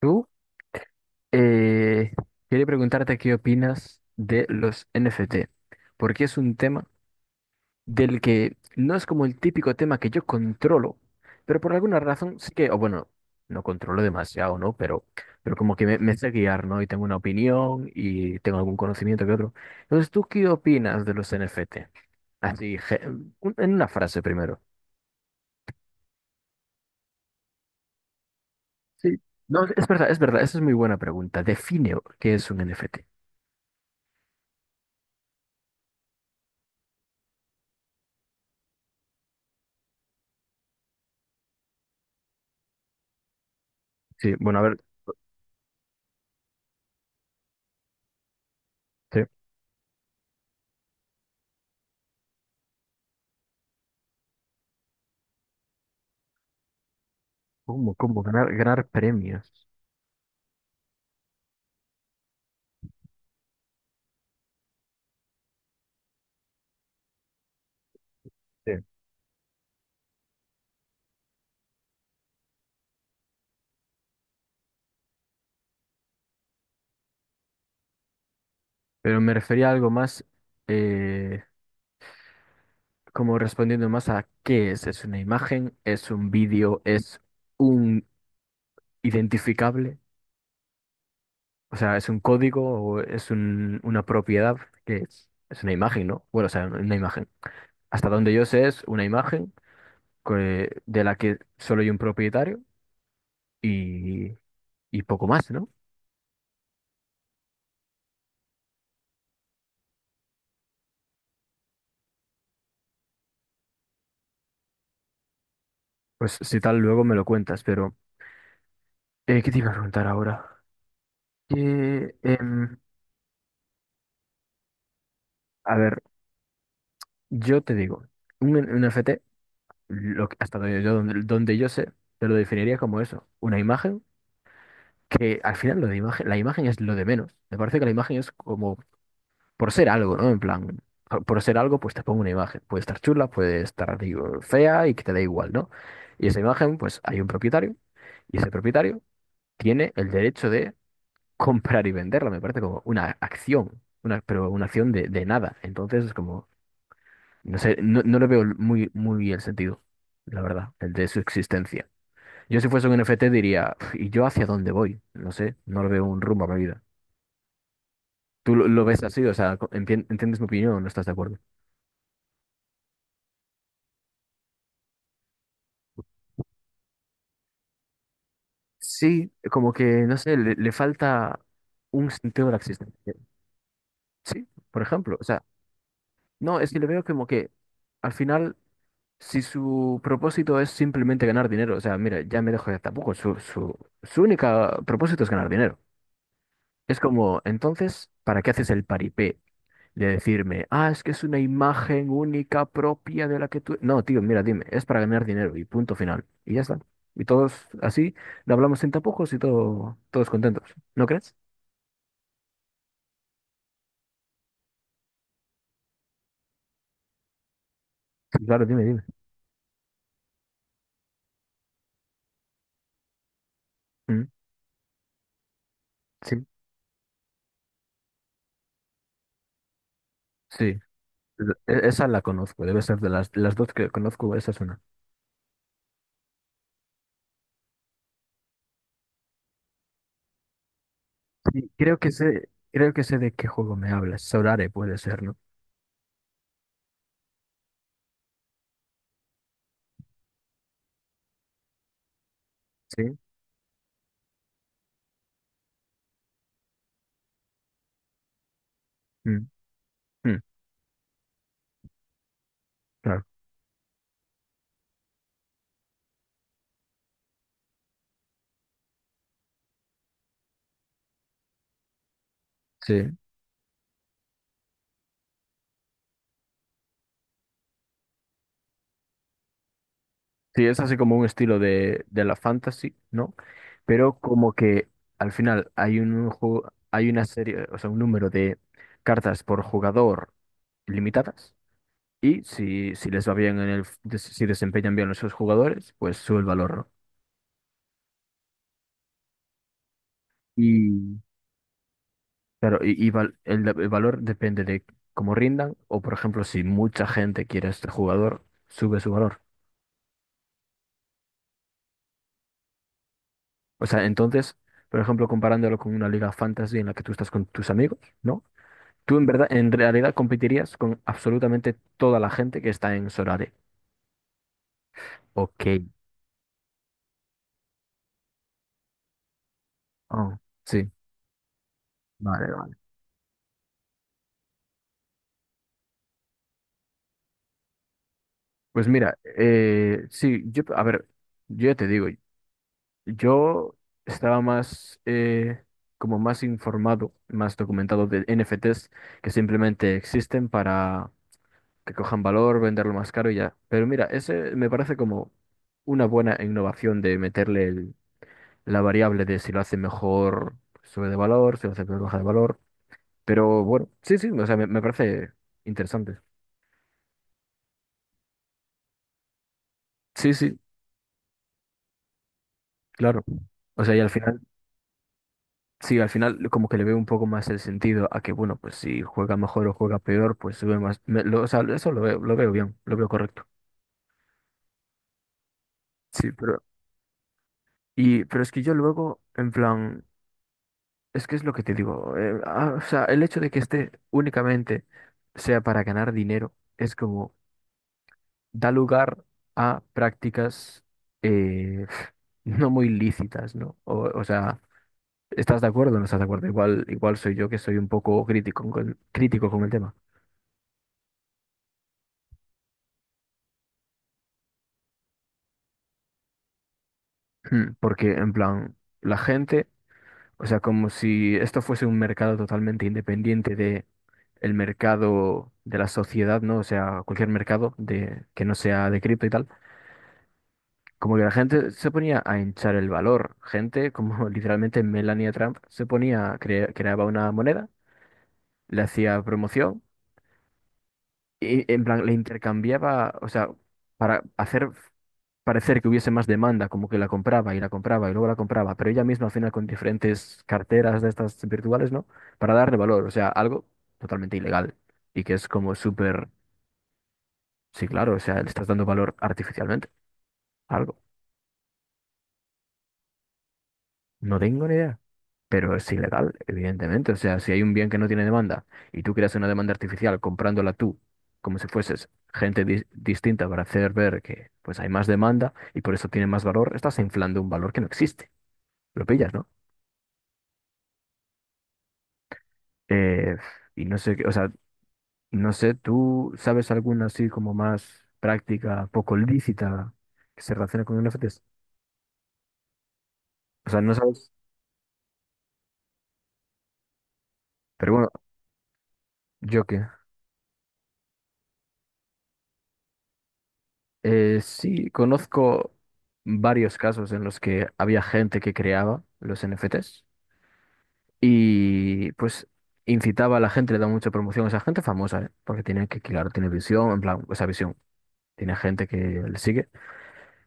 Tú, eh, quería preguntarte qué opinas de los NFT, porque es un tema del que no es como el típico tema que yo controlo, pero por alguna razón sí que, o bueno, no controlo demasiado, ¿no? Pero como que me sé guiar, ¿no? Y tengo una opinión y tengo algún conocimiento que otro. Entonces, ¿tú qué opinas de los NFT? Así, en una frase primero. Sí. No, es verdad, esa es muy buena pregunta. Define qué es un NFT. Sí, bueno, a ver. Sí. ¿Cómo, cómo? Ganar, ganar premios. Sí. Pero me refería a algo más, eh, como respondiendo más a qué es. ¿Es una imagen? ¿Es un vídeo? ¿Es un identificable? O sea, ¿es un código o es una propiedad? ¿Qué es? Es una imagen, ¿no? Bueno, o sea, una imagen. Hasta donde yo sé es una imagen de la que solo hay un propietario y, y poco más, ¿no? Pues si tal, luego me lo cuentas, pero ¿qué te iba a preguntar ahora? Eh, em, a ver. Yo te digo, un NFT, hasta donde yo sé, te lo definiría como eso, una imagen que al final lo de imagen, la imagen es lo de menos. Me parece que la imagen es como por ser algo, ¿no? En plan, por ser algo, pues te pongo una imagen. Puede estar chula, puede estar digo, fea y que te da igual, ¿no? Y esa imagen, pues hay un propietario y ese propietario tiene el derecho de comprar y venderla. Me parece como una acción, una, pero una acción de nada. Entonces es como... No sé, no le veo muy el sentido, la verdad, el de su existencia. Yo si fuese un NFT diría, "Pf, ¿y yo hacia dónde voy? No sé, no le veo un rumbo a mi vida. ¿Tú lo ves así? O sea, ¿entiendes mi opinión o no estás de acuerdo? Sí, como que, no sé, le falta un sentido a la existencia. Sí, por ejemplo, o sea, no, es que le veo como que al final, si su propósito es simplemente ganar dinero, o sea, mira, ya me dejo ya tampoco, su única propósito es ganar dinero. Es como, entonces, ¿para qué haces el paripé de decirme, ah, es que es una imagen única propia de la que tú... No, tío, mira, dime, es para ganar dinero y punto final. Y ya está. Y todos así, lo hablamos sin tapujos y todo, todos contentos. ¿No crees? Sí. Claro, dime, dime. Mm. Sí, sí. Esa la conozco, debe ser de las dos que conozco, esa es una. Sí, creo que sé de qué juego me hablas. Sorare puede ser, ¿no? Sí. Mm, mm, claro. Sí. Sí, es así como un estilo de la fantasy, ¿no? Pero como que al final hay un juego, hay una serie, o sea, un número de cartas por jugador limitadas y si les va bien en el, si desempeñan bien los sus jugadores, pues sube el valor, ¿no? Y claro, el valor depende de cómo rindan o, por ejemplo, si mucha gente quiere a este jugador, sube su valor. O sea, entonces, por ejemplo, comparándolo con una liga fantasy en la que tú estás con tus amigos, ¿no? Tú en verdad, en realidad competirías con absolutamente toda la gente que está en Sorare. Ok. Ah, sí. Vale, vale. Pues mira, sí, yo, a ver, yo ya te digo, yo estaba más, como más informado, más documentado de NFTs que simplemente existen para que cojan valor, venderlo más caro y ya. Pero mira, ese me parece como una buena innovación de meterle la variable de si lo hace mejor, sube de valor, si lo hace peor, baja de valor. Pero bueno, sí, sí, o sea, me parece interesante. Sí, sí, claro. O sea, y al final, sí, al final como que le veo un poco más el sentido a que, bueno, pues si juega mejor o juega peor, pues sube más. O sea, eso lo veo bien, lo veo correcto. Sí, pero, y, pero es que yo luego, en plan, es que es lo que te digo, o sea, el hecho de que esté únicamente sea para ganar dinero, es como, da lugar a prácticas eh, no muy lícitas, ¿no? O sea, ¿estás de acuerdo o no estás de acuerdo? Igual, igual soy yo que soy un poco crítico con el tema. Hmm. Porque, en plan, la gente, o sea, como si esto fuese un mercado totalmente independiente de el mercado de la sociedad, ¿no? O sea, cualquier mercado de, que no sea de cripto y tal. Como que la gente se ponía a hinchar el valor. Gente como literalmente Melania Trump se ponía, creaba una moneda, le hacía promoción y, en plan, le intercambiaba, o sea, para hacer parecer que hubiese más demanda, como que la compraba y luego la compraba, pero ella misma al final con diferentes carteras de estas virtuales, ¿no? Para darle valor, o sea, algo totalmente ilegal y que es como súper, sí, claro, o sea, le estás dando valor artificialmente, algo. No tengo ni idea. Pero es ilegal, evidentemente. O sea, si hay un bien que no tiene demanda y tú creas una demanda artificial comprándola tú, como si fueses gente distinta para hacer ver que pues hay más demanda y por eso tiene más valor, estás inflando un valor que no existe. Lo pillas, ¿no? Eh, y no sé, o sea, no sé, ¿tú sabes alguna así como más práctica, poco lícita que se relaciona con NFTs? O sea, no sabes. Pero bueno, yo qué. Sí, conozco varios casos en los que había gente que creaba los NFTs y pues incitaba a la gente, le daba mucha promoción a esa gente famosa, ¿eh? Porque tiene que, claro, tiene visión, en plan, esa visión, tiene gente que le sigue.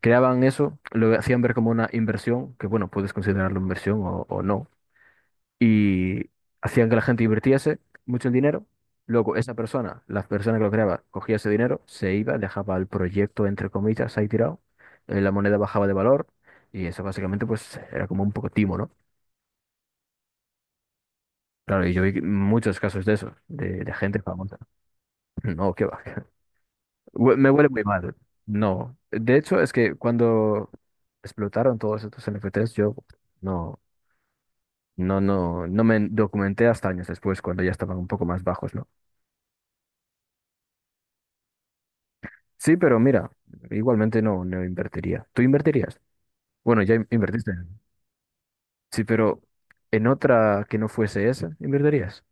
Creaban eso, lo hacían ver como una inversión, que bueno, puedes considerarlo inversión o no, y hacían que la gente invirtiese mucho el dinero. Luego, esa persona, la persona que lo creaba, cogía ese dinero, se iba, dejaba el proyecto, entre comillas, ahí tirado. La moneda bajaba de valor y eso básicamente pues era como un poco timo, ¿no? Claro, y yo vi muchos casos de eso, de gente famosa. No, qué va. Me huele muy mal. No. De hecho, es que cuando explotaron todos estos NFTs, yo no, no me documenté hasta años después, cuando ya estaban un poco más bajos, ¿no? Sí, pero mira, igualmente no, no invertiría. ¿Tú invertirías? Bueno, ya invertiste. Sí, pero en otra que no fuese esa, ¿invertirías?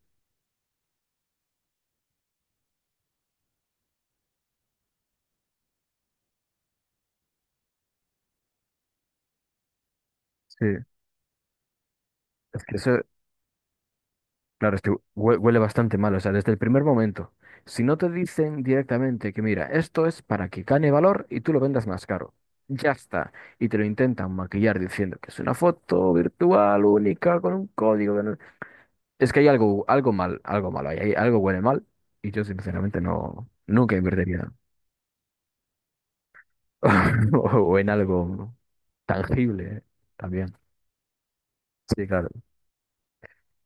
Sí. Es que eso, claro, es que huele bastante mal, o sea, desde el primer momento. Si no te dicen directamente que, mira, esto es para que gane valor y tú lo vendas más caro. Ya está. Y te lo intentan maquillar diciendo que es una foto virtual única con un código. Que no- Es que hay algo, algo mal, algo malo, ahí, hay, algo huele mal y yo sinceramente no, nunca invertiría. O en algo tangible, ¿eh? También. Sí, claro.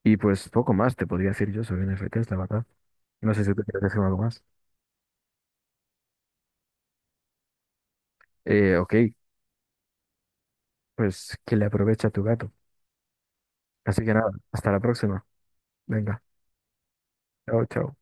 Y pues poco más te podría decir yo sobre NFTs, la verdad. No sé si tú quieres decir algo más. Ok, pues que le aproveche a tu gato. Así que nada, hasta la próxima. Venga, chao, chao.